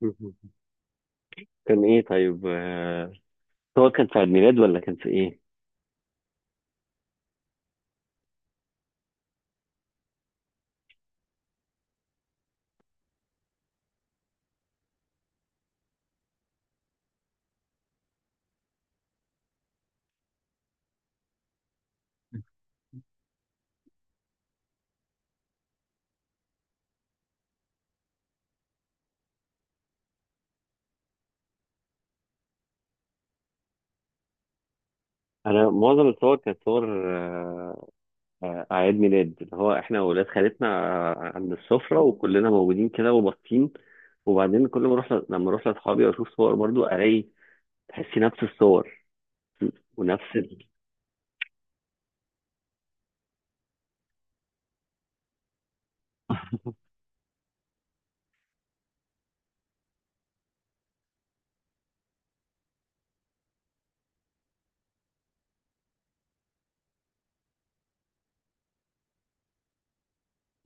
مهم. كان ايه طيب، صور كانت في عيد ميلاد ولا كان في ايه؟ انا معظم الصور كانت صور، آه، اعياد ميلاد اللي هو احنا واولاد خالتنا، عند السفره وكلنا موجودين كده وباصين. وبعدين كل ما اروح لما اروح لاصحابي واشوف صور برضو الاقي تحسي نفس الصور ونفس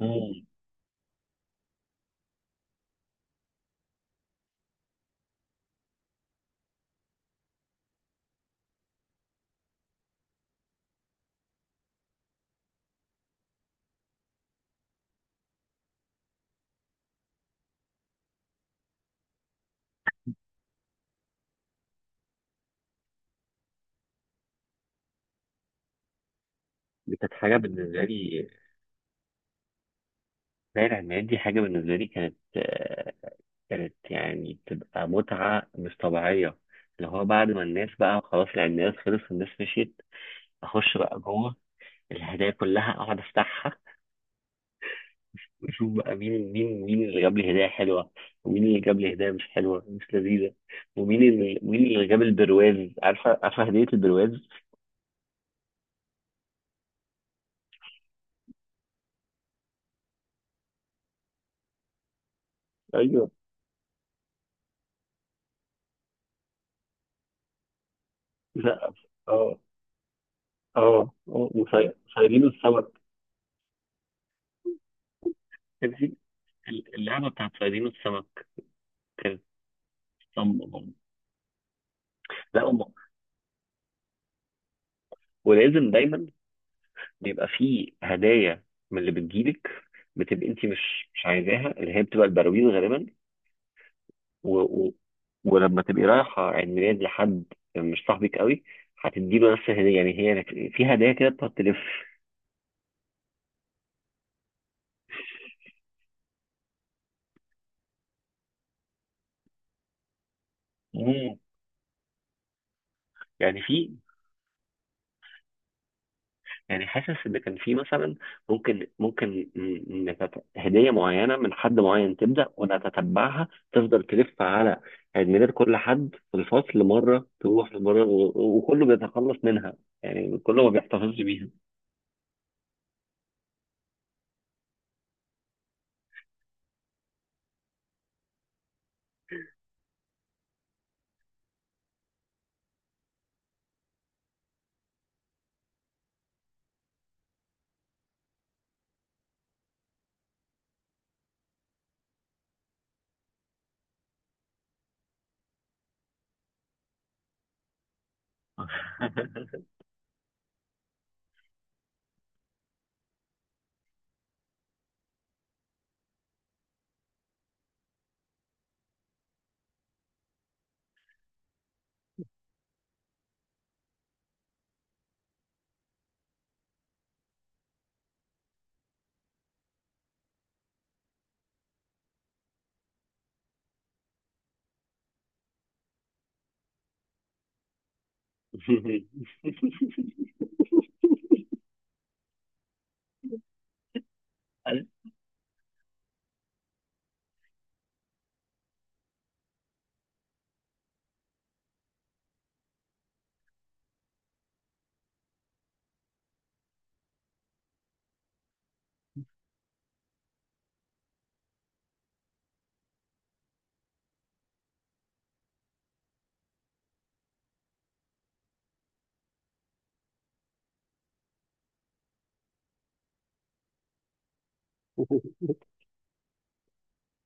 مم. دي كانت حاجه بالنسبه لي، زي العيد ميلاد دي حاجه بالنسبه لي كانت، كانت يعني بتبقى متعه مش طبيعيه. اللي هو بعد ما الناس بقى خلاص العيد ميلاد خلص والناس مشيت، اخش بقى جوه الهدايا كلها اقعد افتحها، واشوف بقى مين اللي جاب لي هدايا حلوه، ومين اللي جاب لي هدايا مش حلوه مش لذيذه، ومين اللي جاب البرواز، عارفه هديه البرواز. ايوه. لا. اه اه اه. صيادين السمك، كان في اللعبه بتاعت صيادين السمك كانت صم برضه. لا، ولازم دايما بيبقى في هدايا من اللي بتجيلك، بتبقى انت مش عايزاها، اللي هي بتبقى البراويز غالبا. و... و... ولما تبقي رايحة عيد ميلاد لحد مش صاحبك قوي، هتديله نفس الهدية، يعني هي في هدايا كده بتقعد تلف. مم. يعني في، يعني حاسس ان كان في مثلا ممكن هدية معينة من حد معين تبدأ، ونتتبعها تفضل تلف على عيد ميلاد كل حد في الفصل، مرة تروح لمرة وكله بيتخلص منها، يعني كله ما بيحتفظش بيها.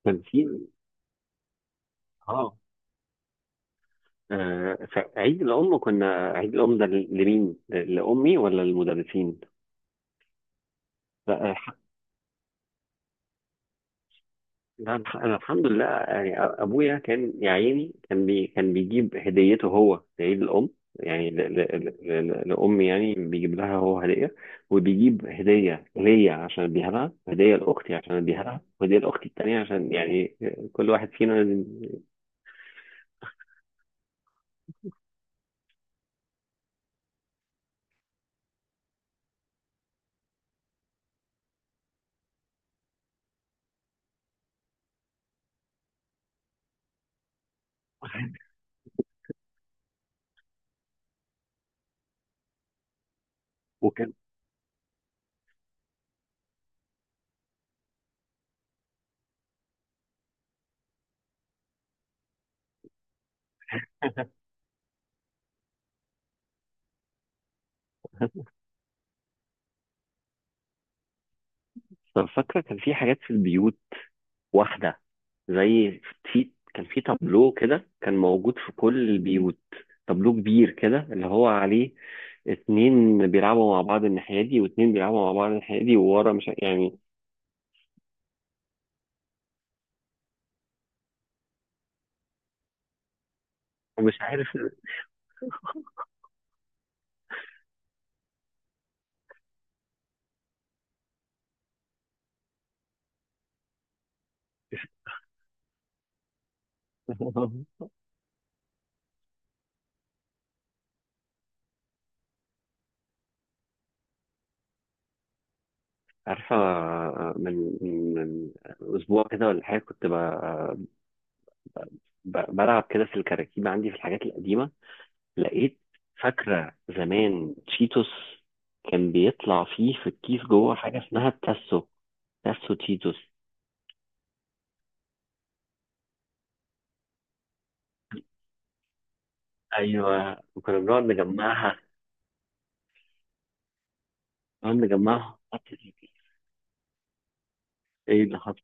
كان في اه آه، فعيد الأم كنا، عيد الأم ده لمين؟ لأمي ولا للمدرسين؟ لا الح- لا، أنا الحمد لله يعني أبويا كان يا عيني، كان بيجيب هديته هو لعيد الأم، يعني لأمي، يعني بيجيب لها هو هدية، وبيجيب هدية ليا عشان أديها لها، هدية لأختي عشان أديها لها، وهدية لأختي التانية عشان يعني كل واحد فينا. وكان فاكرة كان في حاجات في البيوت، واحدة زي، في تابلو كده كان موجود في كل البيوت، تابلو كبير كده اللي هو عليه اتنين بيلعبوا مع بعض الناحية دي واتنين بيلعبوا مع بعض الناحية دي، وورا، مش ع- يعني مش عارف. عارفة، من من أسبوع كده ولا حاجة كنت بلعب كده في الكراكيب عندي في الحاجات القديمة، لقيت. فاكرة زمان تشيتوس كان بيطلع فيه في الكيس جوه حاجة اسمها التاسو، تاسو تشيتوس، ايوه وكنا بنقعد نجمعها، نقعد نجمعها حتى تيجي. ايه اللي حصل؟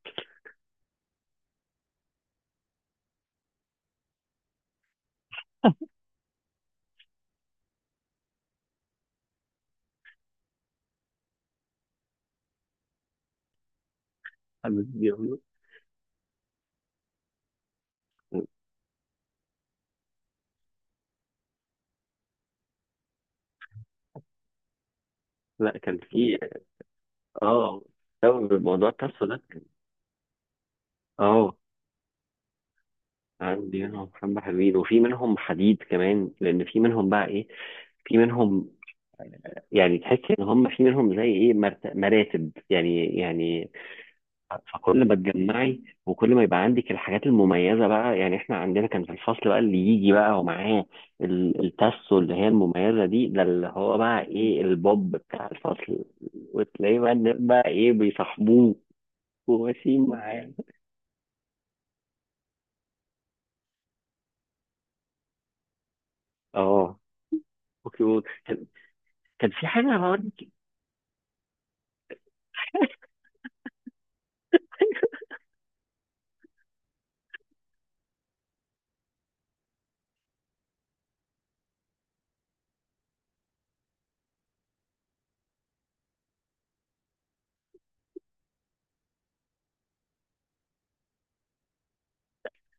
حد بيغلط. لا، كان في اه سبب الموضوع الترسو ده. اه، عندي منهم حبة حلوين، وفي منهم حديد كمان، لأن في منهم بقى إيه، في منهم يعني تحس إن هم في منهم زي إيه مراتب يعني يعني. فكل ما تجمعي وكل ما يبقى عندك الحاجات المميزه بقى، يعني احنا عندنا كان في الفصل بقى اللي يجي بقى ومعاه التاسو اللي هي المميزه دي، ده اللي هو بقى ايه البوب بتاع الفصل، وتلاقيه بقى الناس بقى ايه بيصاحبوه وماشيين معاه. اه. اوكي. كان كان في حاجه برضه.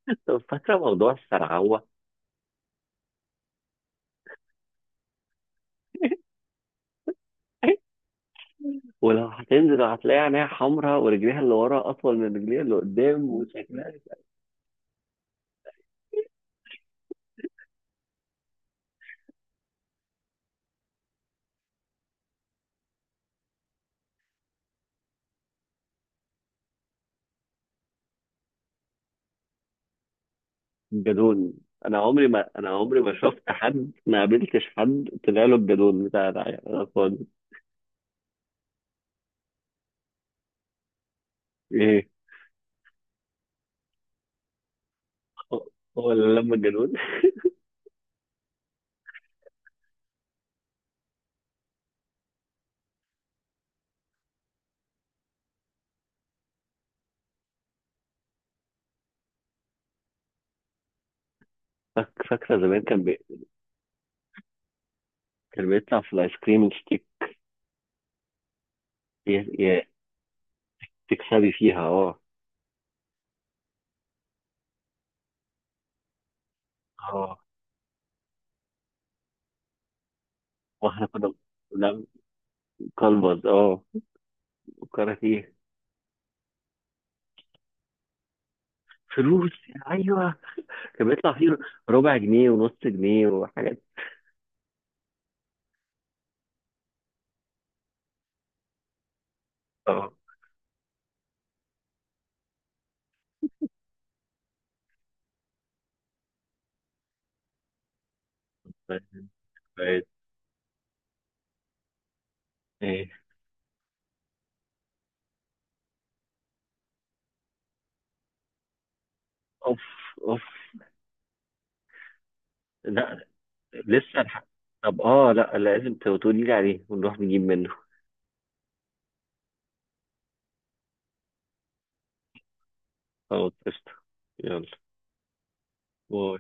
كنت فاكره موضوع السرعوه، ولو هتنزل هتلاقي عينيها حمراء ورجليها اللي ورا اطول من رجليها اللي قدام وشكلها. جدون، انا عمري ما شفت حد، ما قابلتش حد طلع له الجدون بتاع ده، يعني انا فاضي. ايه. هو هو اللي لما الجدون. فاكره زمان كان بيطلع في الايس كريم الستيك. ي... ي... تكسبي فيها، اه. اه. واحنا كنا، لا، كلبز، اه، كاراتيه. فلوس، ايوه كان بيطلع فيه ربع جنيه ونص جنيه وحاجات. اه. فاهم، فاهم. ايه. اوف، اوف. لا، لسه الحق. طب، لا لازم تقولي لي عليه ونروح نجيب منه. خلاص قشطة. يلا باي.